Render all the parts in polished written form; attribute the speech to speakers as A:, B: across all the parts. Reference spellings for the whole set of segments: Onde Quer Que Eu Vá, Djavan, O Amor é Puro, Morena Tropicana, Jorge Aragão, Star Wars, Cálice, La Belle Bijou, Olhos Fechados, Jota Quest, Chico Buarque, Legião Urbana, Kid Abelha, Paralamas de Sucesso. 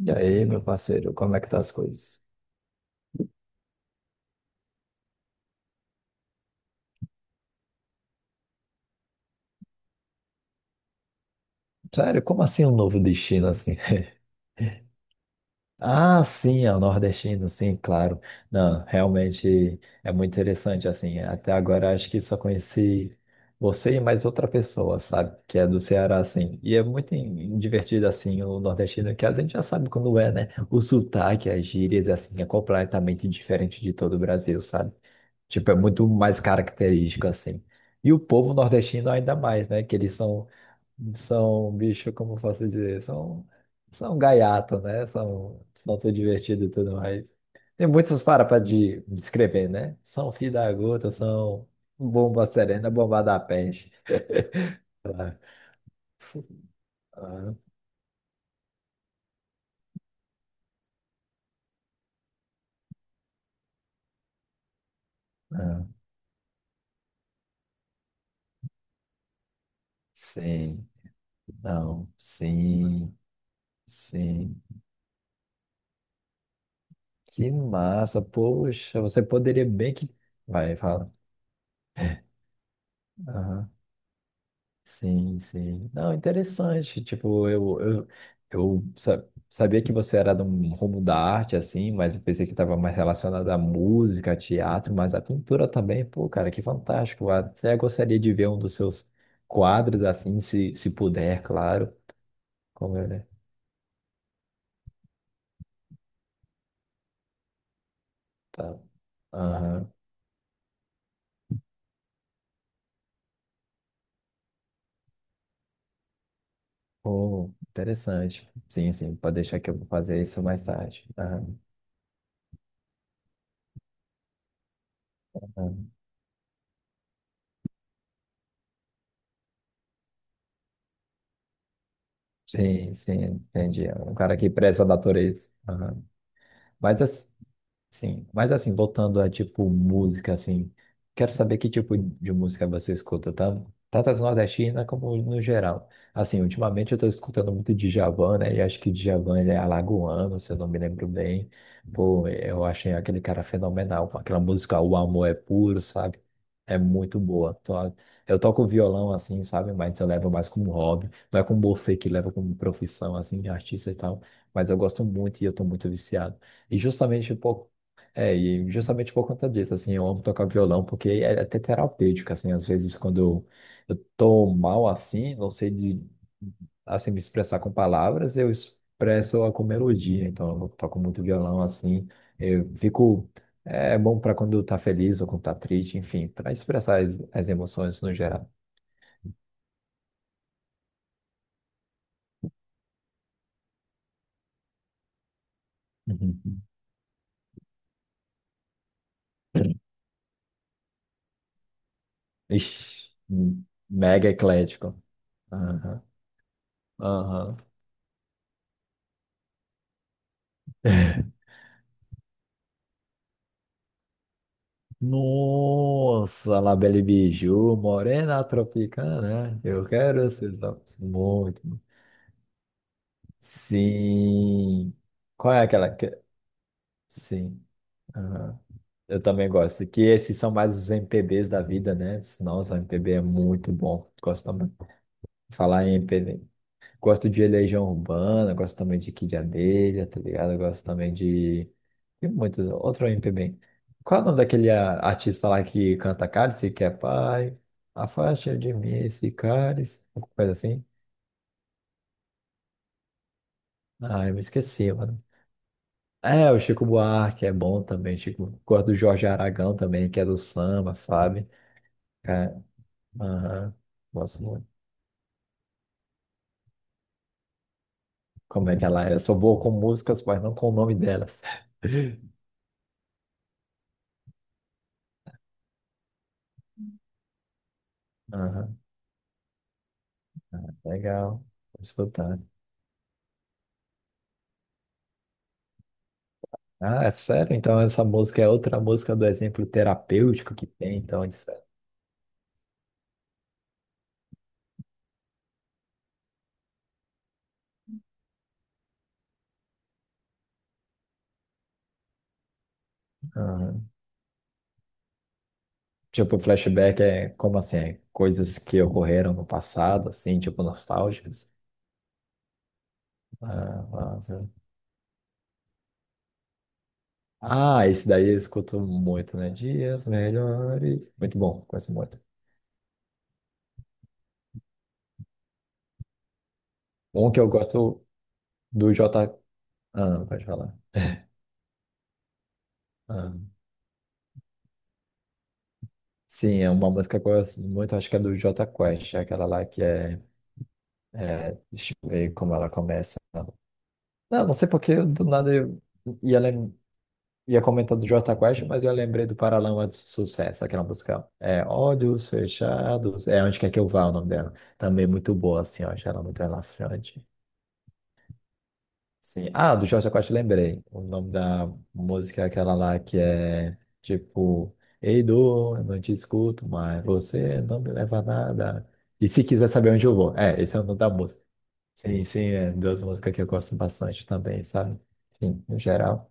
A: E aí, meu parceiro, como é que tá as coisas? Sério, como assim um novo destino assim? Ah, sim, é o nordestino, sim, claro. Não, realmente é muito interessante assim. Até agora acho que só conheci você e mais outra pessoa, sabe? Que é do Ceará, assim. E é muito divertido assim o nordestino, que a gente já sabe quando é, né? O sotaque, as gírias, assim, é completamente diferente de todo o Brasil, sabe? Tipo, é muito mais característico assim. E o povo nordestino ainda mais, né? Que eles são são bicho, como posso dizer, são, são gaiato, né? São, são tão divertido e tudo mais. Tem muitos para de descrever, né? São fio da gota, são bomba serena, bomba da peste. Ah, ah, ah. Sim, não, sim, sim. Que massa, poxa, você poderia bem que. Vai, fala. Aham. Sim, sim. Não, interessante. Tipo, eu sabia que você era de um rumo da arte, assim, mas eu pensei que estava mais relacionado à música, teatro, mas a pintura também. Pô, cara, que fantástico. Até gostaria de ver um dos seus quadros, assim, se puder, claro. Como é, né? Tá. Aham. Pô, interessante. Sim, sim, pode deixar que eu vou fazer isso mais tarde. Aham, aham. Sim, sim, entendi. É um cara que preza a natureza. Aham. Mas assim, sim, mas assim, voltando a tipo música, assim, quero saber que tipo de música você escuta, tá? Tanto as nordestinas como no geral. Assim, ultimamente eu tô escutando muito Djavan, né? E acho que Djavan ele é alagoano, se eu não me lembro bem. Pô, eu achei aquele cara fenomenal, com aquela música O Amor é Puro, sabe? É muito boa. Eu toco violão assim, sabe? Mas eu levo mais como hobby. Não é como você que leva como profissão, assim, de artista e tal. Mas eu gosto muito e eu tô muito viciado. E justamente um pouco e justamente por conta disso, assim, eu amo tocar violão, porque é até terapêutico, assim, às vezes eu tô mal assim, não sei de, assim, me expressar com palavras, eu expresso com melodia, então eu toco muito violão, assim, eu fico, é bom para quando tá feliz ou quando tá triste, enfim, para expressar as emoções no geral. Uhum. Ixi, mega eclético. Aham, aham. Nossa, La Belle Bijou, Morena Tropicana, é? Eu quero esses olhos muito. Sim. Qual é aquela que... Sim, aham. Eu também gosto. Que esses são mais os MPBs da vida, né? Nossa, MPB é muito bom. Gosto também de falar em MPB. Gosto de Legião Urbana, gosto também de Kid Abelha, tá ligado? Gosto também de. Tem muitas. Outro MPB. Qual é o nome daquele artista lá que canta Cálice, que é pai? Afasta de mim esse cálice. Alguma coisa assim? Ah, eu me esqueci, mano. É, o Chico Buarque é bom também. Chico... Gosto do Jorge Aragão também, que é do samba, sabe? É, aham. Gosto muito. Como é que ela é? Eu sou boa com músicas, mas não com o nome delas. Aham, legal. Vou escutar. Ah, é sério? Então essa música é outra música do exemplo terapêutico que tem, então, de certo. Aham. Tipo, flashback é como assim? É coisas que ocorreram no passado, assim, tipo, nostálgicas. Ah, massa. Ah, esse daí eu escuto muito, né? Dias melhores. Muito bom, conheço muito. Um que eu gosto do J. Ah, pode falar. Ah, sim, é uma música que eu gosto muito, acho que é do J Quest, é aquela lá que é, é. Deixa eu ver como ela começa. Não, não sei porque do nada eu ia, lem... ia comentar do Jota Quest, mas eu lembrei do Paralamas de Sucesso, aquela música. É Olhos Fechados. É Onde Quer Que Eu Vá, o nome dela. Também muito boa, assim, ó. Achei ela muito relaxante. Sim. Ah, do Jota Quest lembrei. O nome da música é aquela lá que é tipo. Ei, dor, eu não te escuto, mas você não me leva a nada. E se quiser saber onde eu vou. É, esse é o nome da música. Sim, sim, é duas músicas que eu gosto bastante também, sabe? Sim, no geral.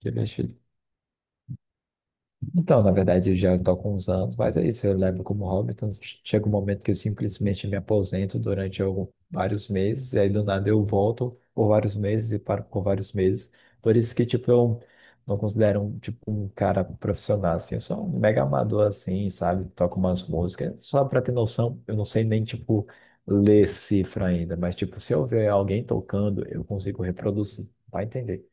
A: De mexer. Então, na verdade, eu já estou com uns anos, mas é isso, eu levo como hobby. Então, chega um momento que eu simplesmente me aposento durante algum, vários meses, e aí do nada eu volto por vários meses e paro por vários meses. Por isso que, tipo, eu não considero um, tipo, um cara profissional, assim, eu sou um mega amador, assim, sabe? Toco umas músicas, só pra ter noção, eu não sei nem, tipo, ler cifra ainda, mas, tipo, se eu ver alguém tocando, eu consigo reproduzir, vai entender.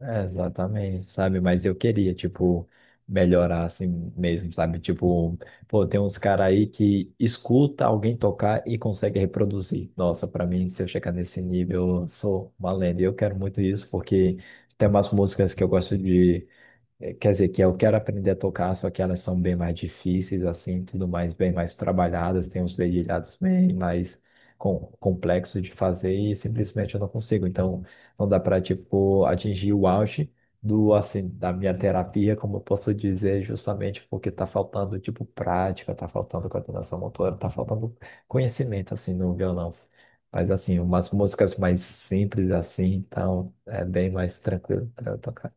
A: É, exatamente, sabe? Mas eu queria, tipo, melhorar assim mesmo, sabe? Tipo, pô, tem uns caras aí que escuta alguém tocar e consegue reproduzir. Nossa, pra mim, se eu chegar nesse nível, eu sou uma lenda. E eu quero muito isso, porque tem umas músicas que eu gosto de. É, quer dizer, que eu quero aprender a tocar, só que elas são bem mais difíceis, assim, tudo mais, bem mais trabalhadas, tem uns dedilhados bem mais complexos de fazer e simplesmente eu não consigo. Então, não dá para, tipo, atingir o auge do, assim, da minha terapia, como eu posso dizer, justamente porque tá faltando, tipo, prática, tá faltando coordenação motora, tá faltando conhecimento, assim, no violão. Mas, assim, umas músicas mais simples, assim, então, é bem mais tranquilo para eu tocar.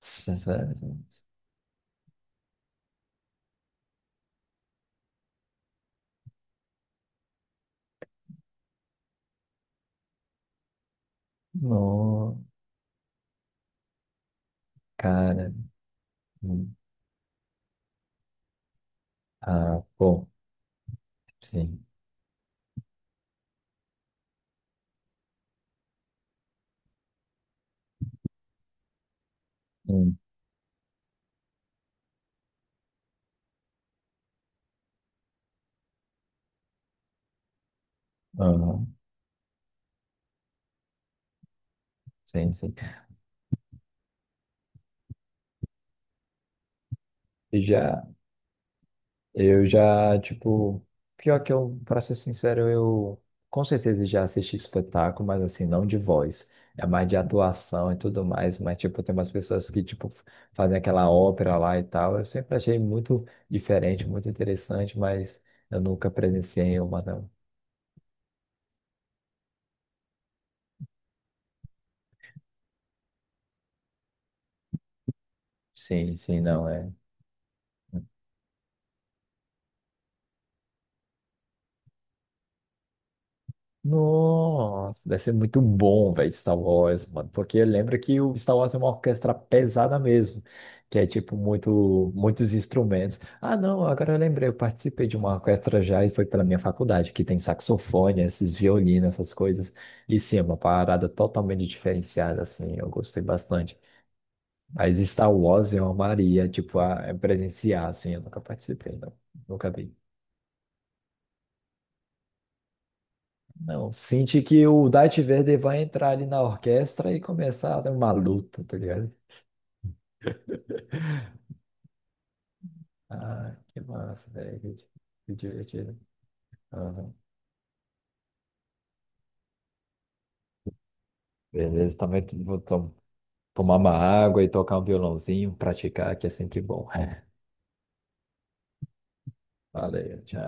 A: Sério? Não, cara. Hum. Ah, bom, sim. Hum. Aham. Sim, sim. E já, eu já, tipo, pior que eu, pra ser sincero, eu com certeza já assisti espetáculo, mas assim, não de voz. É mais de atuação e tudo mais, mas tipo, tem umas pessoas que, tipo, fazem aquela ópera lá e tal. Eu sempre achei muito diferente, muito interessante, mas eu nunca presenciei uma, não. Sim, sim, não, é. Nossa, deve ser muito bom, velho, Star Wars, mano. Porque lembra que o Star Wars é uma orquestra pesada mesmo, que é tipo muito, muitos instrumentos. Ah, não, agora eu lembrei, eu participei de uma orquestra já e foi pela minha faculdade, que tem saxofone, esses violinos, essas coisas. E sim, é uma parada totalmente diferenciada, assim, eu gostei bastante. Mas Star Wars eu amaria, tipo, a presenciar, assim, eu nunca participei, não. Nunca vi. Não, sente que o Darth Vader vai entrar ali na orquestra e começar a dar uma luta, tá ligado? Ah, que massa, velho. Que divertido. Aham. Beleza, também tomar uma água e tocar um violãozinho, praticar, que é sempre bom. Valeu, tchau.